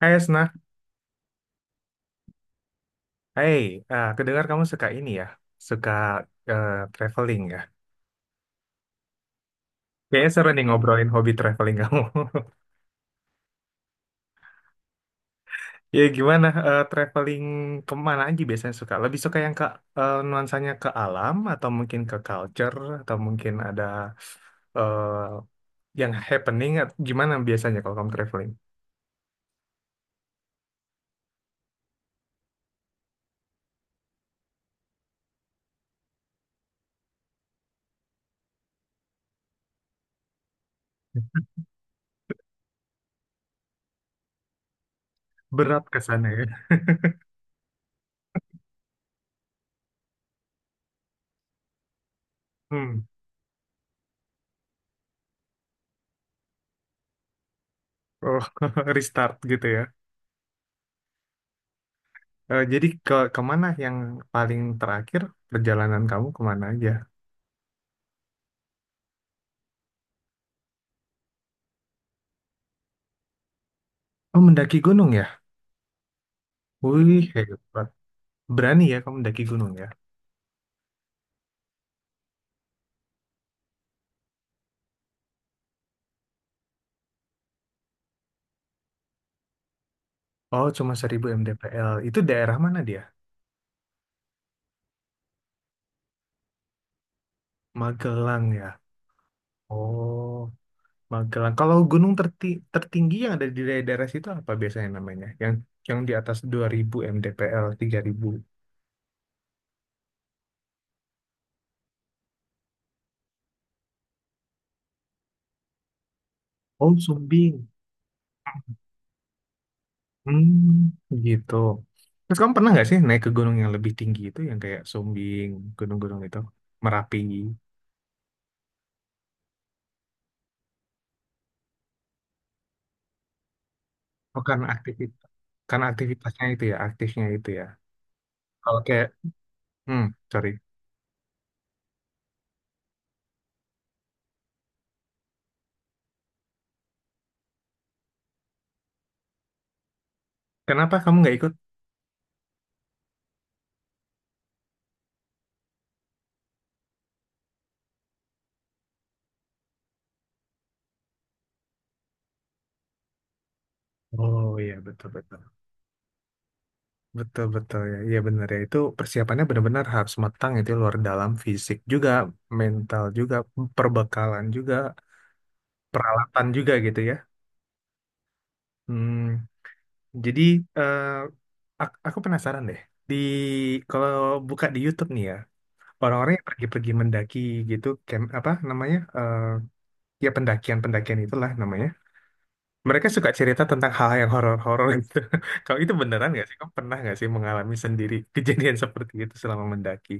Hai Esna, hai, ah, kamu suka ini ya? Suka traveling ya. Kayaknya seru nih ngobrolin hobi traveling kamu. Ya gimana, traveling kemana aja biasanya suka? Lebih suka yang nuansanya ke alam, atau mungkin ke culture, atau mungkin ada eh, yang happening, gimana biasanya kalau kamu traveling? Berat ke sana ya. Hmm. Oh, restart gitu ya. Jadi kemana yang paling terakhir perjalanan kamu kemana aja? Oh, mendaki gunung ya? Wih, hebat. Berani ya kamu mendaki gunung ya? Oh, cuma 1000 mdpl. Itu daerah mana dia? Magelang ya? Oh, Magelang. Kalau gunung tertinggi yang ada di daerah situ apa biasanya namanya? Yang di atas 2000 mdpl, 3000. Oh, Sumbing. Hmm, gitu. Terus kamu pernah nggak sih naik ke gunung yang lebih tinggi itu yang kayak Sumbing, gunung-gunung itu, Merapi? Oh, karena aktivitas. Karena aktivitasnya itu ya, aktifnya itu ya. Kalau kayak, Hmm, sorry. Kenapa kamu nggak ikut? Oh iya, betul, betul, betul, betul ya, iya benar ya, itu persiapannya benar-benar harus matang, itu luar dalam fisik juga, mental juga, perbekalan juga, peralatan juga gitu ya. Hmm, jadi eh, aku penasaran deh, di kalau buka di YouTube nih ya, orang-orang yang pergi-pergi mendaki gitu, camp apa namanya, ya pendakian pendakian itulah namanya. Mereka suka cerita tentang hal-hal yang horor-horor gitu. Kalau itu beneran nggak sih? Kamu pernah nggak sih mengalami sendiri kejadian seperti itu selama mendaki?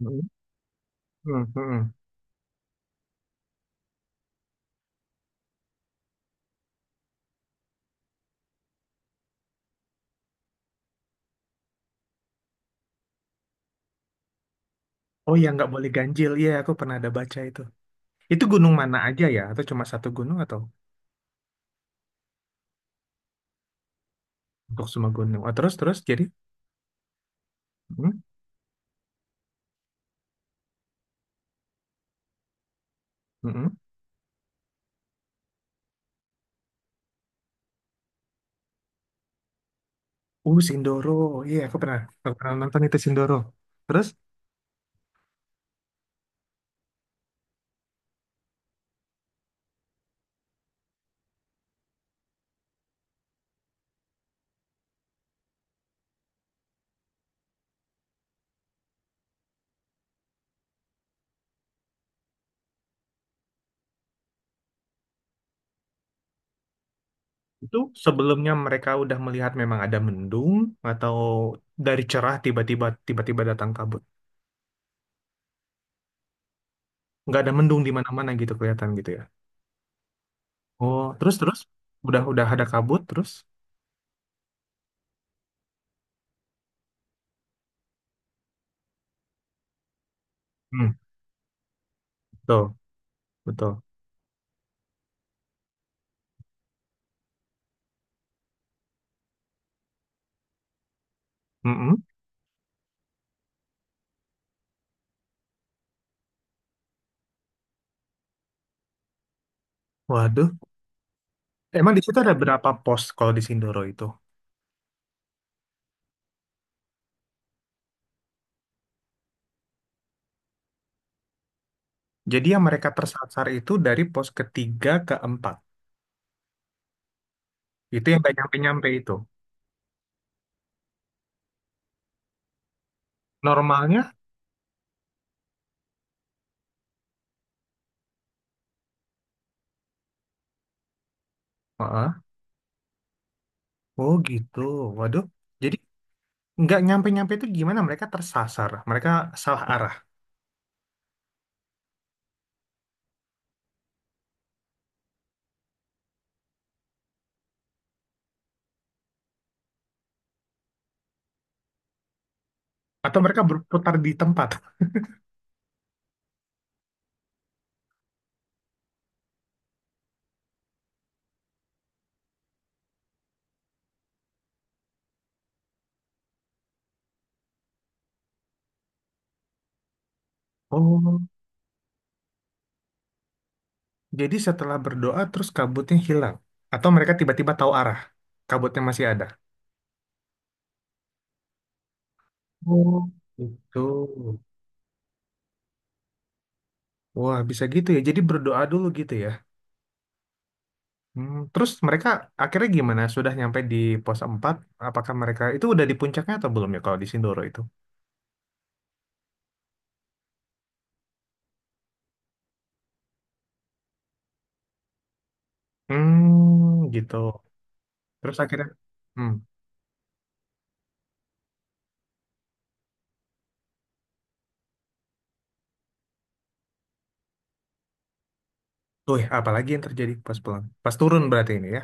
Hmm. Hmm, hmm. Oh ya, nggak boleh ganjil. Iya, aku pernah ada baca itu. Itu gunung mana aja ya? Atau cuma satu gunung atau untuk semua gunung? Oh, terus terus jadi, hmm, hmm. Hmm. Sindoro. Iya, aku pernah nonton itu Sindoro. Terus itu sebelumnya mereka udah melihat memang ada mendung atau dari cerah tiba-tiba datang kabut. Nggak ada mendung di mana-mana gitu kelihatan gitu ya. Oh, terus terus udah ada kabut terus. Hmm, betul, betul. Mm-mm. Waduh, emang di situ ada berapa pos kalau di Sindoro itu? Jadi yang mereka tersasar itu dari pos ketiga ke empat. Itu yang nggak nyampe-nyampe itu. Normalnya, heeh. Oh gitu. Waduh. Jadi nggak nyampe-nyampe itu gimana? Mereka tersasar. Mereka salah arah. Atau mereka berputar di tempat. Oh, jadi setelah berdoa terus kabutnya hilang. Atau mereka tiba-tiba tahu arah. Kabutnya masih ada. Oh, gitu. Wah, bisa gitu ya. Jadi berdoa dulu gitu ya. Hmm, terus mereka akhirnya gimana? Sudah nyampe di pos 4? Apakah mereka itu udah di puncaknya atau belum ya kalau di Sindoro itu? Hmm, gitu. Terus akhirnya, hmm, tuh ya, apalagi yang terjadi pas pulang? Pas turun berarti ini ya?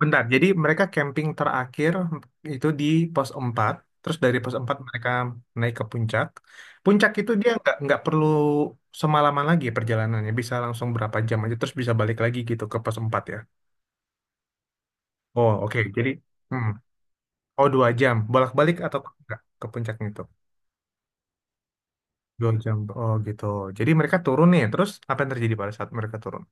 Bentar, jadi mereka camping terakhir itu di pos empat, terus dari pos empat mereka naik ke puncak. Puncak itu dia nggak perlu semalaman lagi perjalanannya, bisa langsung berapa jam aja, terus bisa balik lagi gitu ke pos 4 ya. Oh oke, jadi, hmm. Oh, 2 jam bolak-balik atau enggak ke puncaknya itu? 2 jam, oh gitu. Jadi mereka turun nih, terus apa yang terjadi pada saat mereka turun?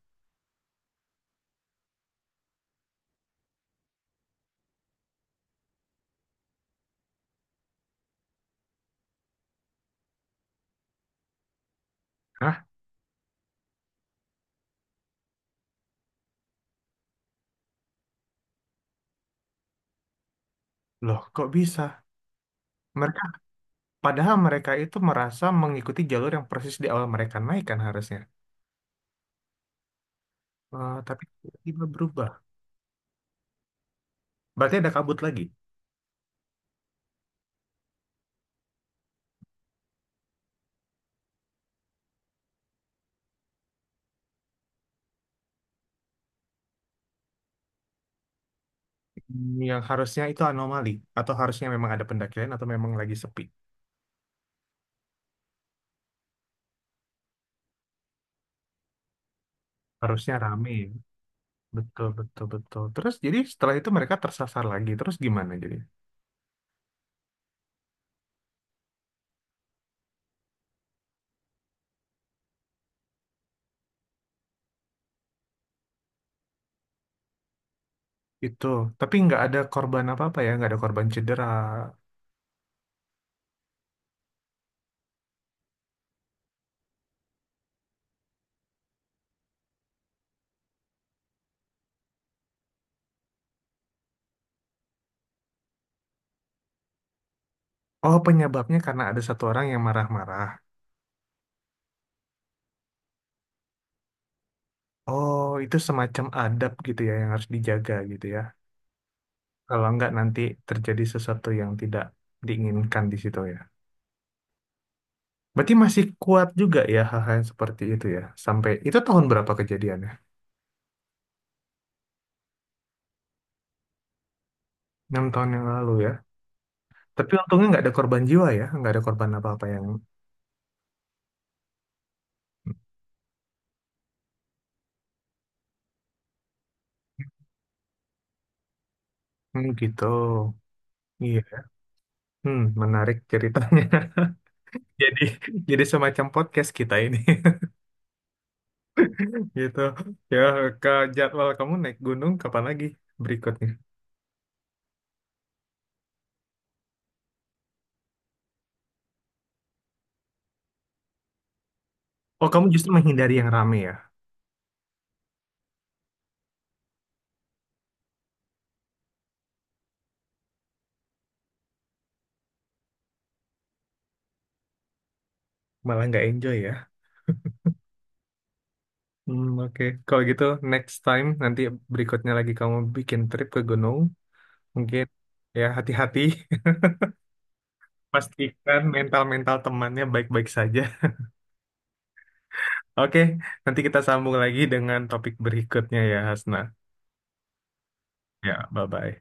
Hah, loh kok bisa? Mereka Padahal mereka itu merasa mengikuti jalur yang persis di awal mereka naik kan harusnya. Tapi tiba-tiba berubah. Berarti ada kabut lagi. Yang harusnya itu anomali. Atau harusnya memang ada pendakian atau memang lagi sepi. Harusnya rame ya. Betul, betul, betul. Terus jadi setelah itu mereka tersasar lagi. Terus gimana jadi? Itu. Tapi nggak ada korban apa-apa ya. Nggak ada korban cedera. Oh, penyebabnya karena ada satu orang yang marah-marah. Oh, itu semacam adab gitu ya yang harus dijaga gitu ya. Kalau nggak nanti terjadi sesuatu yang tidak diinginkan di situ ya. Berarti masih kuat juga ya hal-hal yang seperti itu ya. Sampai itu tahun berapa kejadiannya? 6 tahun yang lalu ya. Tapi untungnya nggak ada korban jiwa ya, nggak ada korban apa-apa yang. Hmm, gitu. Iya. Hmm, menarik ceritanya. Jadi jadi semacam podcast kita ini. Gitu. Ya, ke jadwal kamu naik gunung kapan lagi berikutnya? Oh, kamu justru menghindari yang rame ya. Malah nggak enjoy ya. Hmm, oke. Kalau gitu next time nanti berikutnya lagi kamu bikin trip ke gunung, mungkin ya, hati-hati, pastikan mental-mental temannya baik-baik saja. Oke, nanti kita sambung lagi dengan topik berikutnya ya, Hasna. Ya, bye-bye.